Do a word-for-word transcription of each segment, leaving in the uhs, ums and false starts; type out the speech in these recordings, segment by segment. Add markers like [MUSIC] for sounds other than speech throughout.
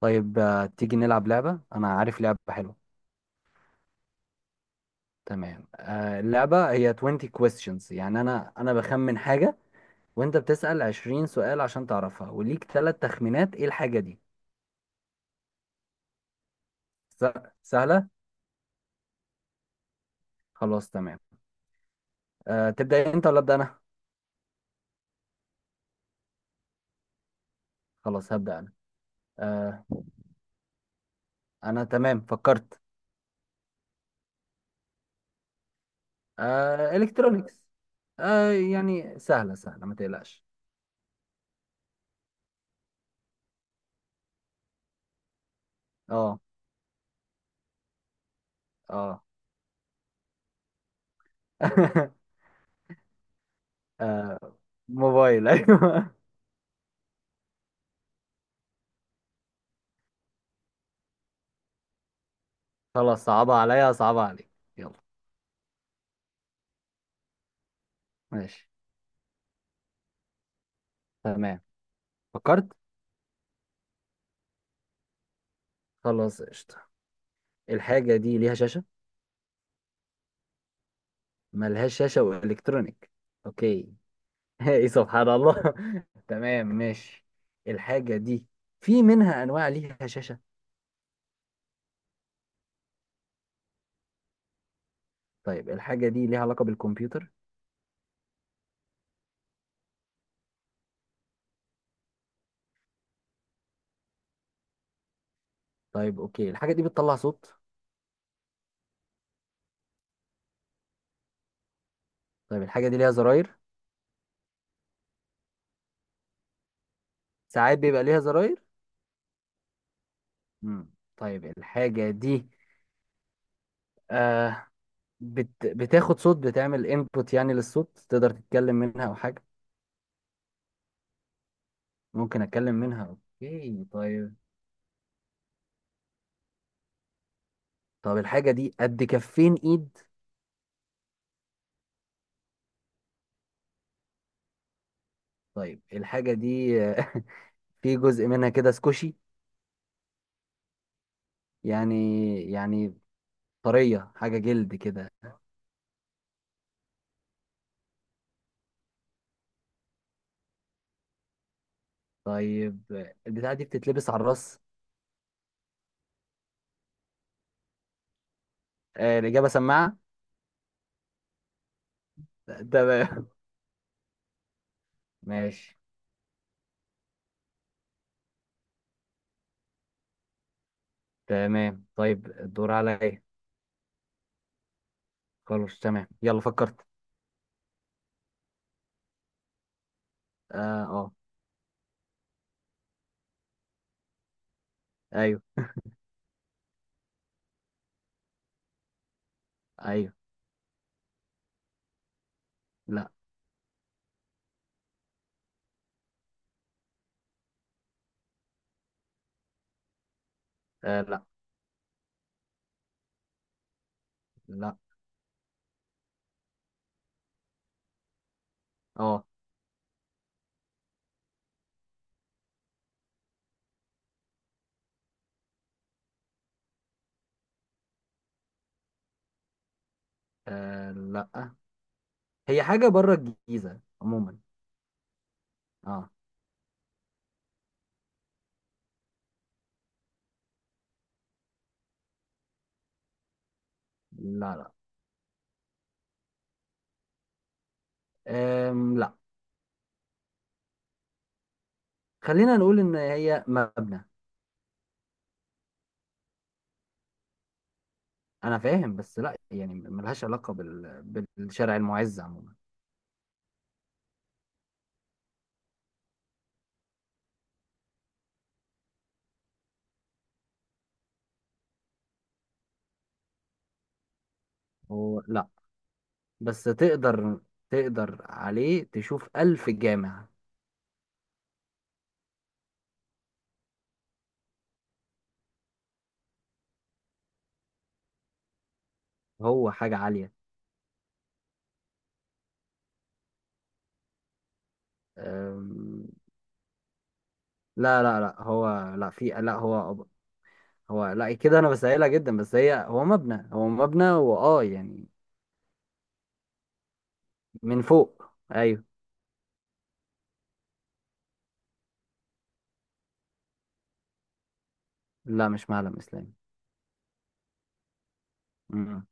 طيب، آه، تيجي نلعب لعبة. أنا عارف لعبة حلوة. تمام، آه، اللعبة هي عشرين questions، يعني أنا أنا بخمن حاجة وأنت بتسأل عشرين سؤال عشان تعرفها، وليك ثلاث تخمينات. إيه الحاجة دي؟ س- سهلة. خلاص تمام. أه تبدأ أنت ولا أبدأ أنا؟ خلاص، هبدأ أنا. أه أنا تمام، فكرت. أه إلكترونيكس. أه يعني سهلة سهلة، ما تقلقش. أه أه [LAUGHS] آه، موبايل أيوه. خلاص، صعبة عليا صعبة عليك. يلا. ماشي، تمام، فكرت. خلاص قشطة. الحاجة دي ليها شاشة؟ ملهاش شاشة وإلكترونيك. أوكي. [LAUGHS] إيه سبحان الله؟ [LAUGHS] تمام ماشي. الحاجة دي في منها أنواع ليها شاشة؟ طيب، الحاجة دي ليها علاقة بالكمبيوتر؟ طيب أوكي، الحاجة دي بتطلع صوت؟ طيب، الحاجة دي ليها زراير؟ ساعات بيبقى ليها زراير. مم. طيب الحاجة دي آه بت... بتاخد صوت، بتعمل انبوت يعني للصوت، تقدر تتكلم منها أو حاجة؟ ممكن أتكلم منها، أوكي. طيب، طب الحاجة دي قد كفين ايد؟ طيب الحاجة دي [LAUGHS] في جزء منها كده سكوشي. يعني يعني طرية، حاجة جلد كده. طيب البتاعة دي بتتلبس على الراس. آه، الإجابة سماعة. تمام. [LAUGHS] ماشي. تمام، طيب الدور عليا. خلاص تمام، يلا فكرت. اه، اه. ايوه. ايوه. لا. آه، لا. لا. اه. آه، لا، هي حاجة بره الجيزة عموما. اه. لا. لا. آم، لا. خلينا نقول ان هي مبنى. انا فاهم، بس لا، يعني ملهاش علاقه بال... بالشارع المعز عموما. هو لا. بس تقدر، تقدر عليه تشوف الف جامع. هو حاجه عاليه. أم... لا لا لا، هو لا، في لا هو، هو لا كده. انا بسهلها جدا، بس هي هو مبنى، هو مبنى، واه يعني. من فوق. ايوه. لا، مش معلم اسلامي. مم.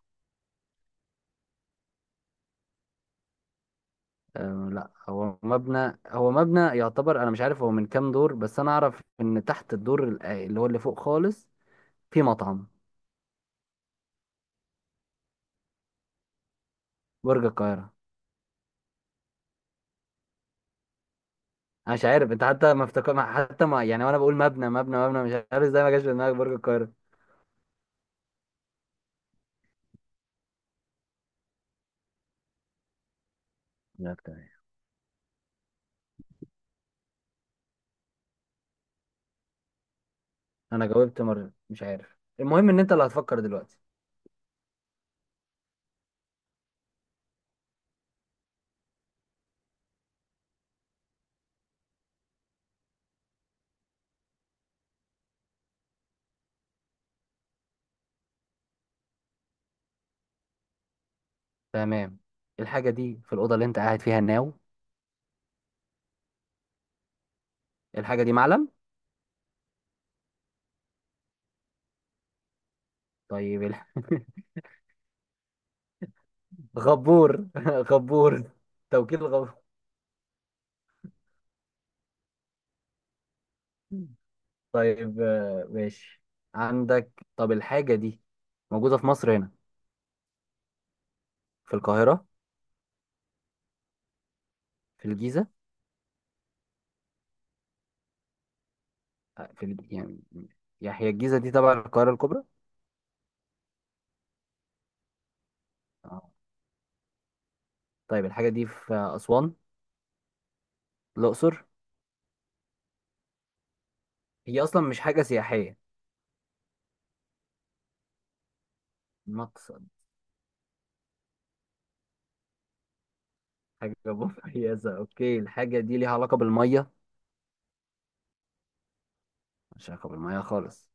أه لا، هو مبنى، هو مبنى يعتبر. انا مش عارف هو من كام دور، بس انا اعرف ان تحت الدور ال- آه، اللي هو اللي فوق خالص في مطعم. برج القاهرة. انا مش عارف انت، حتى ما افتكر ما- حتى ما يعني، وانا بقول مبنى مبنى مبنى، مش عارف ازاي ما جاش في دماغك برج القاهرة. لا، بتاعي. انا جاوبت مرة، مش عارف، المهم ان انت اللي هتفكر دلوقتي. تمام. الحاجة دي في الأوضة اللي انت قاعد فيها الناو؟ الحاجة دي معلم؟ طيب الح- [LAUGHS] غبور. [LAUGHS] غبور. توكيل غبور. طيب آه، ماشي. عندك، طب الحاجة دي موجودة في مصر هنا؟ في القاهرة؟ في الجيزة؟ آه، في ال... يعني، يعني هي الجيزة دي تبع القاهرة الكبرى. آه. طيب الحاجة دي في آه، أسوان؟ الأقصر؟ هي أصلا مش حاجة سياحية؟ مقصد. حاجة [LAUGHS] مميزة، أوكي. الحاجة دي ليها علاقة بالمية؟ مش علاقة بالمية خالص؟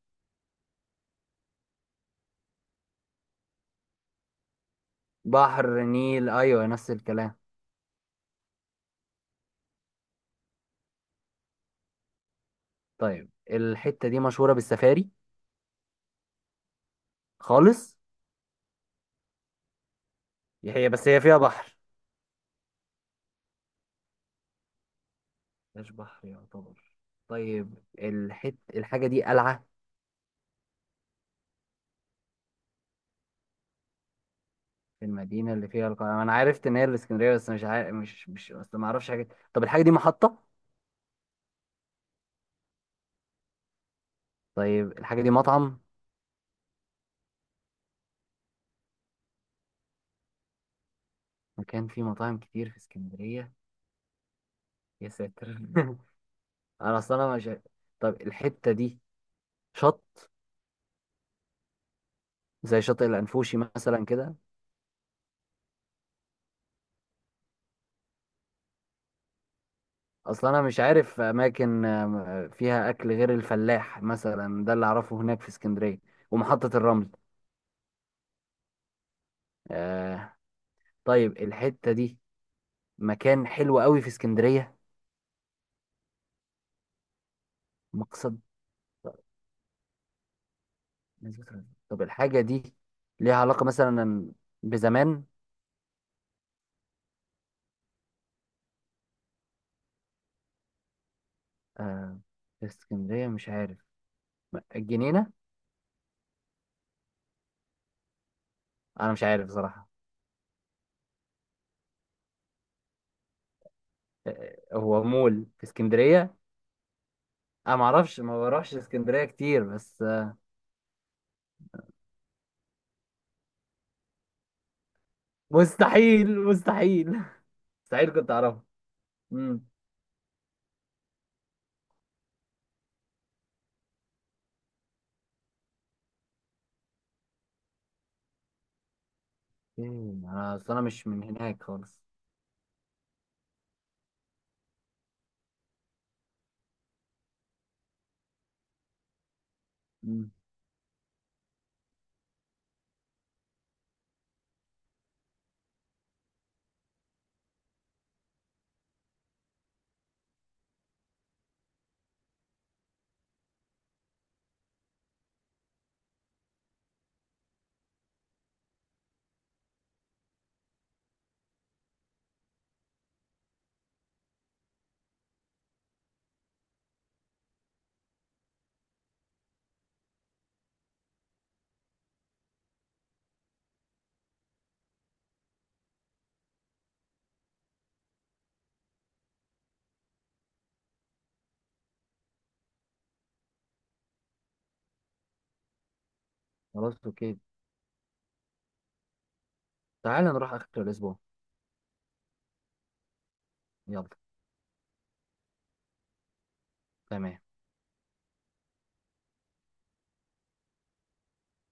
بحر، نيل، أيوة نفس الكلام. طيب الحتة دي مشهورة بالسفاري؟ خالص. هي بس هي فيها بحر. مش بحر يعتبر. طيب الحت الحاجة دي قلعة؟ في المدينة اللي فيها القلعة. أنا عرفت إن هي الإسكندرية بس مش عارف، مش مش بس ما أعرفش حاجة. طب الحاجة دي محطة؟ طيب الحاجة دي مطعم؟ مكان فيه مطاعم كتير في إسكندرية. يا ساتر. [LAUGHS] أنا أصلا أنا مش عارف. طب الحتة دي شط زي شاطئ الأنفوشي مثلا كده؟ أصلا أنا مش عارف أماكن آم، فيها أكل غير الفلاح مثلا، ده اللي أعرفه هناك في إسكندرية، ومحطة الرمل. آه. طيب الحتة دي مكان حلو قوي في اسكندرية. مقصد. نسبة رزق. طب الحاجة دي ليها علاقة مثلا بزمان؟ آه في اسكندرية مش عارف، م- الجنينة؟ أنا مش عارف صراحة. آه، هو مول في اسكندرية؟ أنا معرفش، ما بروحش اسكندرية كتير، بس آه، مستحيل، مستحيل. [LAUGHS] مستحيل كنت أعرفها. مم. إيه، أنا أصل أنا مش من هناك خالص. مم. خلاص أوكي. تعالى نروح آخر الأسبوع. يلا. تمام.